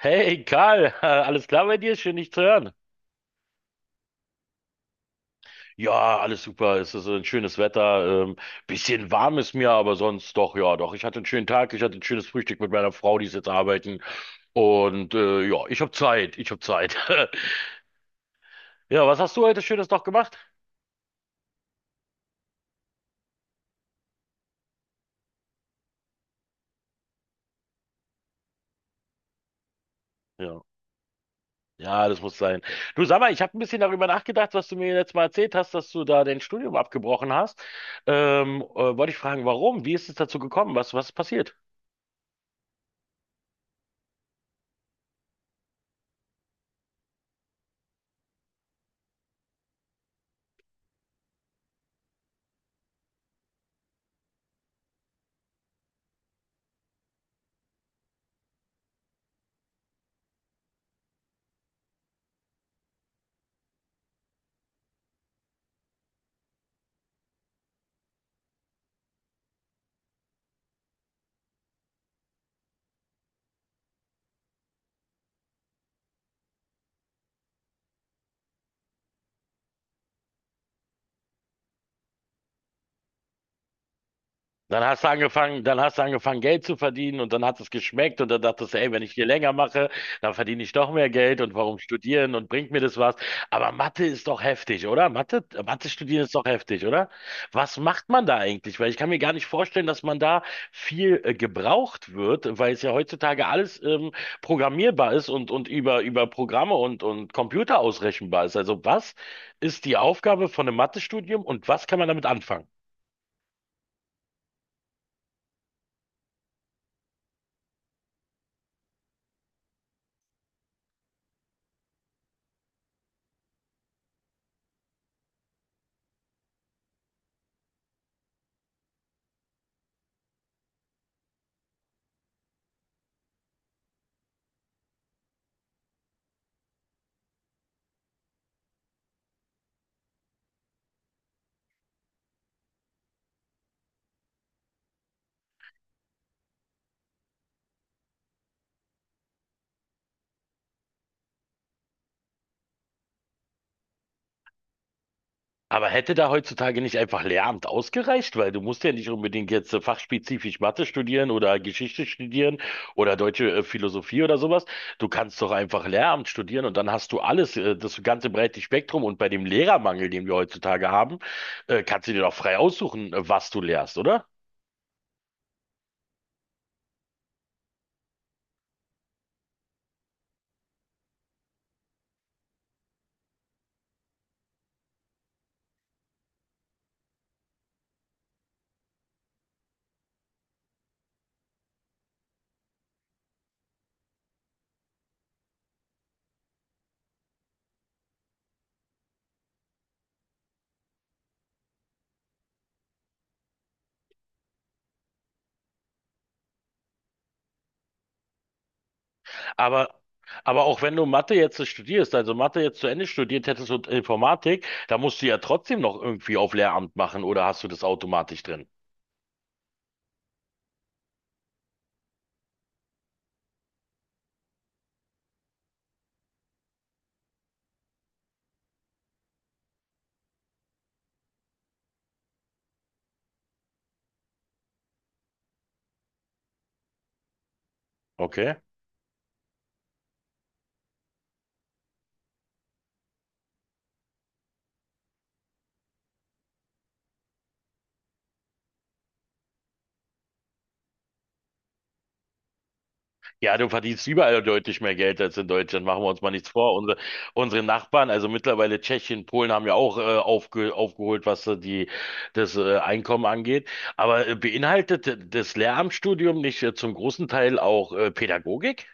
Hey Karl, alles klar bei dir? Schön dich zu hören. Ja, alles super. Es ist ein schönes Wetter. Bisschen warm ist mir, aber sonst doch, ja, doch. Ich hatte einen schönen Tag. Ich hatte ein schönes Frühstück mit meiner Frau, die ist jetzt arbeiten. Und ja, ich habe Zeit. Ich habe Zeit. Ja, was hast du heute Schönes noch gemacht? Ja. Ja, das muss sein. Du sag mal, ich habe ein bisschen darüber nachgedacht, was du mir letztes Mal erzählt hast, dass du da dein Studium abgebrochen hast. Wollte ich fragen, warum? Wie ist es dazu gekommen? Was ist passiert? Dann hast du angefangen, Geld zu verdienen und dann hat es geschmeckt und dann dachtest du, ey, wenn ich hier länger mache, dann verdiene ich doch mehr Geld und warum studieren und bringt mir das was? Aber Mathe ist doch heftig, oder? Mathe studieren ist doch heftig, oder? Was macht man da eigentlich? Weil ich kann mir gar nicht vorstellen, dass man da viel gebraucht wird, weil es ja heutzutage alles programmierbar ist und über Programme und Computer ausrechenbar ist. Also was ist die Aufgabe von einem Mathestudium und was kann man damit anfangen? Aber hätte da heutzutage nicht einfach Lehramt ausgereicht? Weil du musst ja nicht unbedingt jetzt fachspezifisch Mathe studieren oder Geschichte studieren oder deutsche Philosophie oder sowas. Du kannst doch einfach Lehramt studieren und dann hast du alles, das ganze breite Spektrum. Und bei dem Lehrermangel, den wir heutzutage haben, kannst du dir doch frei aussuchen, was du lehrst, oder? Aber Aber auch wenn du Mathe jetzt studierst, also Mathe jetzt zu Ende studiert hättest und Informatik, da musst du ja trotzdem noch irgendwie auf Lehramt machen oder hast du das automatisch drin? Okay. Ja, du verdienst überall deutlich mehr Geld als in Deutschland, machen wir uns mal nichts vor. Unsere Nachbarn, also mittlerweile Tschechien, Polen haben ja auch aufgeholt, was das Einkommen angeht. Aber beinhaltet das Lehramtsstudium nicht zum großen Teil auch Pädagogik?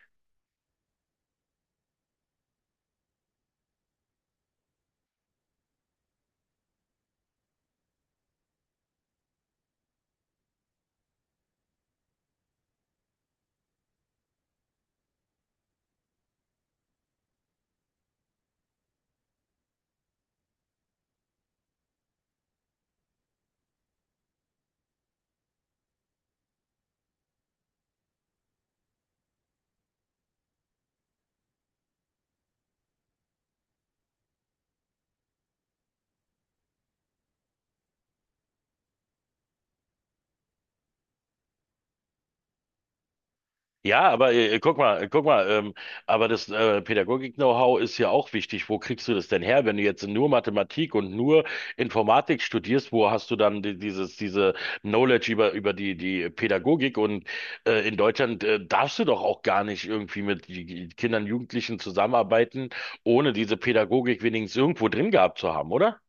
Ja, aber guck mal, aber das Pädagogik-Know-how ist ja auch wichtig. Wo kriegst du das denn her, wenn du jetzt nur Mathematik und nur Informatik studierst? Wo hast du dann diese Knowledge über die Pädagogik? Und in Deutschland darfst du doch auch gar nicht irgendwie mit die Kindern, Jugendlichen zusammenarbeiten, ohne diese Pädagogik wenigstens irgendwo drin gehabt zu haben, oder?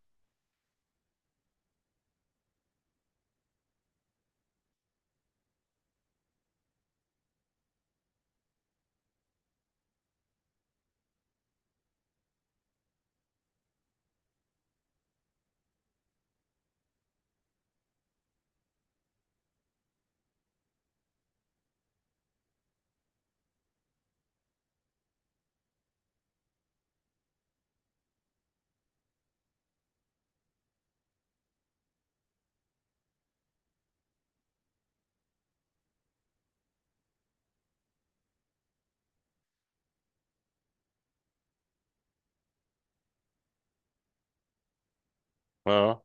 Ja.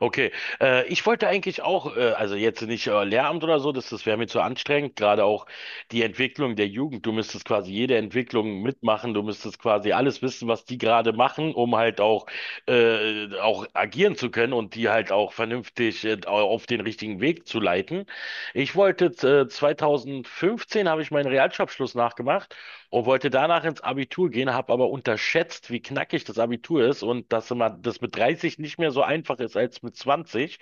Okay, ich wollte eigentlich auch, also jetzt nicht Lehramt oder so, das wäre mir zu anstrengend, gerade auch die Entwicklung der Jugend. Du müsstest quasi jede Entwicklung mitmachen, du müsstest quasi alles wissen, was die gerade machen, um halt auch agieren zu können und die halt auch vernünftig auf den richtigen Weg zu leiten. Ich wollte, 2015 habe ich meinen Realschulabschluss nachgemacht und wollte danach ins Abitur gehen, habe aber unterschätzt, wie knackig das Abitur ist und dass immer das mit 30 nicht mehr so einfach ist als mit 20,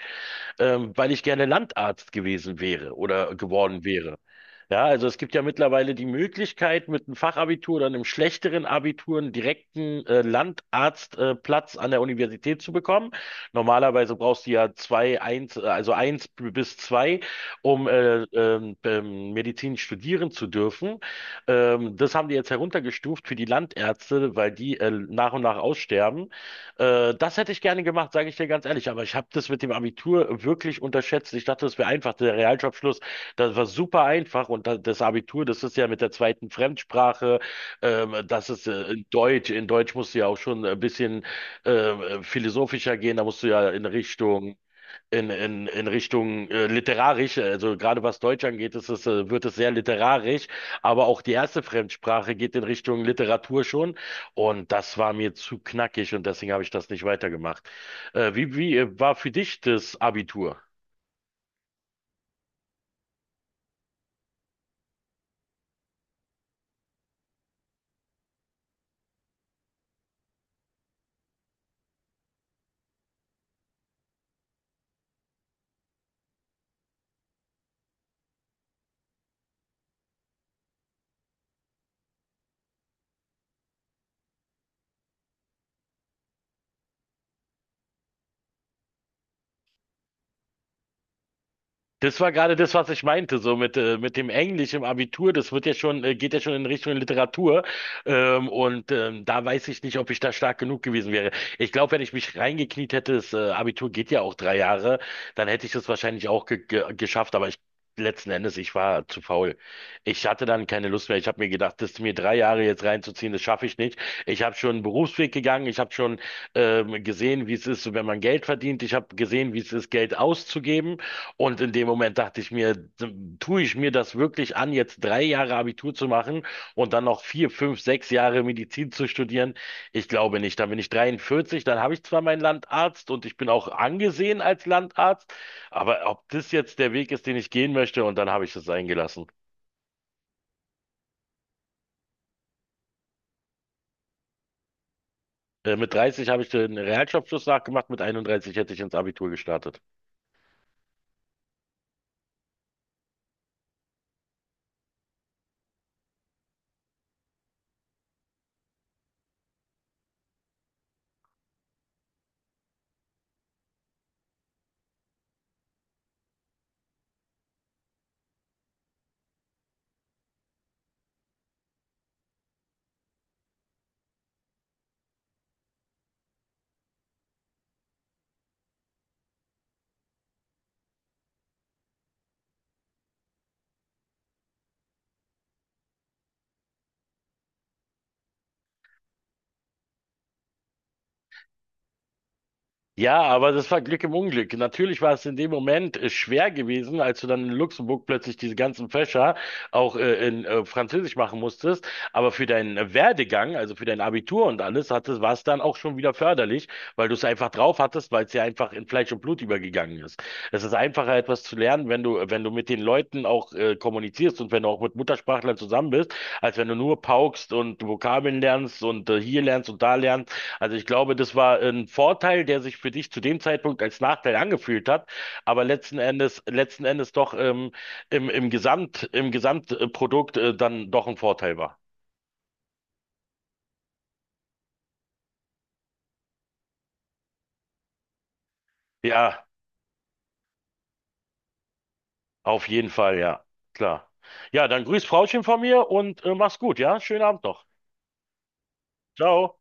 weil ich gerne Landarzt gewesen wäre oder geworden wäre. Ja, also es gibt ja mittlerweile die Möglichkeit, mit einem Fachabitur oder einem schlechteren Abitur einen direkten Landarztplatz Platz an der Universität zu bekommen. Normalerweise brauchst du ja also eins bis zwei, um Medizin studieren zu dürfen. Das haben die jetzt heruntergestuft für die Landärzte, weil die nach und nach aussterben. Das hätte ich gerne gemacht, sage ich dir ganz ehrlich. Aber ich habe das mit dem Abitur wirklich unterschätzt. Ich dachte, das wäre einfach. Der Realschulabschluss, das war super einfach. Und das Abitur, das ist ja mit der zweiten Fremdsprache. Das ist in Deutsch. In Deutsch musst du ja auch schon ein bisschen philosophischer gehen. Da musst du ja in Richtung literarisch, also gerade was Deutsch angeht, wird es sehr literarisch, aber auch die erste Fremdsprache geht in Richtung Literatur schon und das war mir zu knackig und deswegen habe ich das nicht weitergemacht. Wie war für dich das Abitur? Das war gerade das, was ich meinte, so mit dem Englisch im Abitur, das geht ja schon in Richtung Literatur. Und da weiß ich nicht, ob ich da stark genug gewesen wäre. Ich glaube, wenn ich mich reingekniet hätte, das Abitur geht ja auch 3 Jahre, dann hätte ich das wahrscheinlich auch ge ge geschafft, aber ich letzten Endes, ich war zu faul. Ich hatte dann keine Lust mehr. Ich habe mir gedacht, das mir 3 Jahre jetzt reinzuziehen, das schaffe ich nicht. Ich habe schon einen Berufsweg gegangen, ich habe schon gesehen, wie es ist, wenn man Geld verdient, ich habe gesehen, wie es ist, Geld auszugeben. Und in dem Moment dachte ich mir, tue ich mir das wirklich an, jetzt 3 Jahre Abitur zu machen und dann noch 4, 5, 6 Jahre Medizin zu studieren? Ich glaube nicht. Dann bin ich 43, dann habe ich zwar meinen Landarzt und ich bin auch angesehen als Landarzt, aber ob das jetzt der Weg ist, den ich gehen möchte, und dann habe ich es eingelassen. Mit 30 habe ich den Realschulabschluss nachgemacht, mit 31 hätte ich ins Abitur gestartet. Ja, aber das war Glück im Unglück. Natürlich war es in dem Moment schwer gewesen, als du dann in Luxemburg plötzlich diese ganzen Fächer auch in Französisch machen musstest. Aber für deinen Werdegang, also für dein Abitur und alles, war es dann auch schon wieder förderlich, weil du es einfach drauf hattest, weil es ja einfach in Fleisch und Blut übergegangen ist. Es ist einfacher, etwas zu lernen, wenn du mit den Leuten auch kommunizierst und wenn du auch mit Muttersprachlern zusammen bist, als wenn du nur paukst und Vokabeln lernst und hier lernst und da lernst. Also ich glaube, das war ein Vorteil, der sich für dich zu dem Zeitpunkt als Nachteil angefühlt hat, aber letzten Endes doch im Gesamtprodukt dann doch ein Vorteil war. Ja, auf jeden Fall, ja, klar. Ja, dann grüß Frauchen von mir und mach's gut, ja? Schönen Abend noch. Ciao.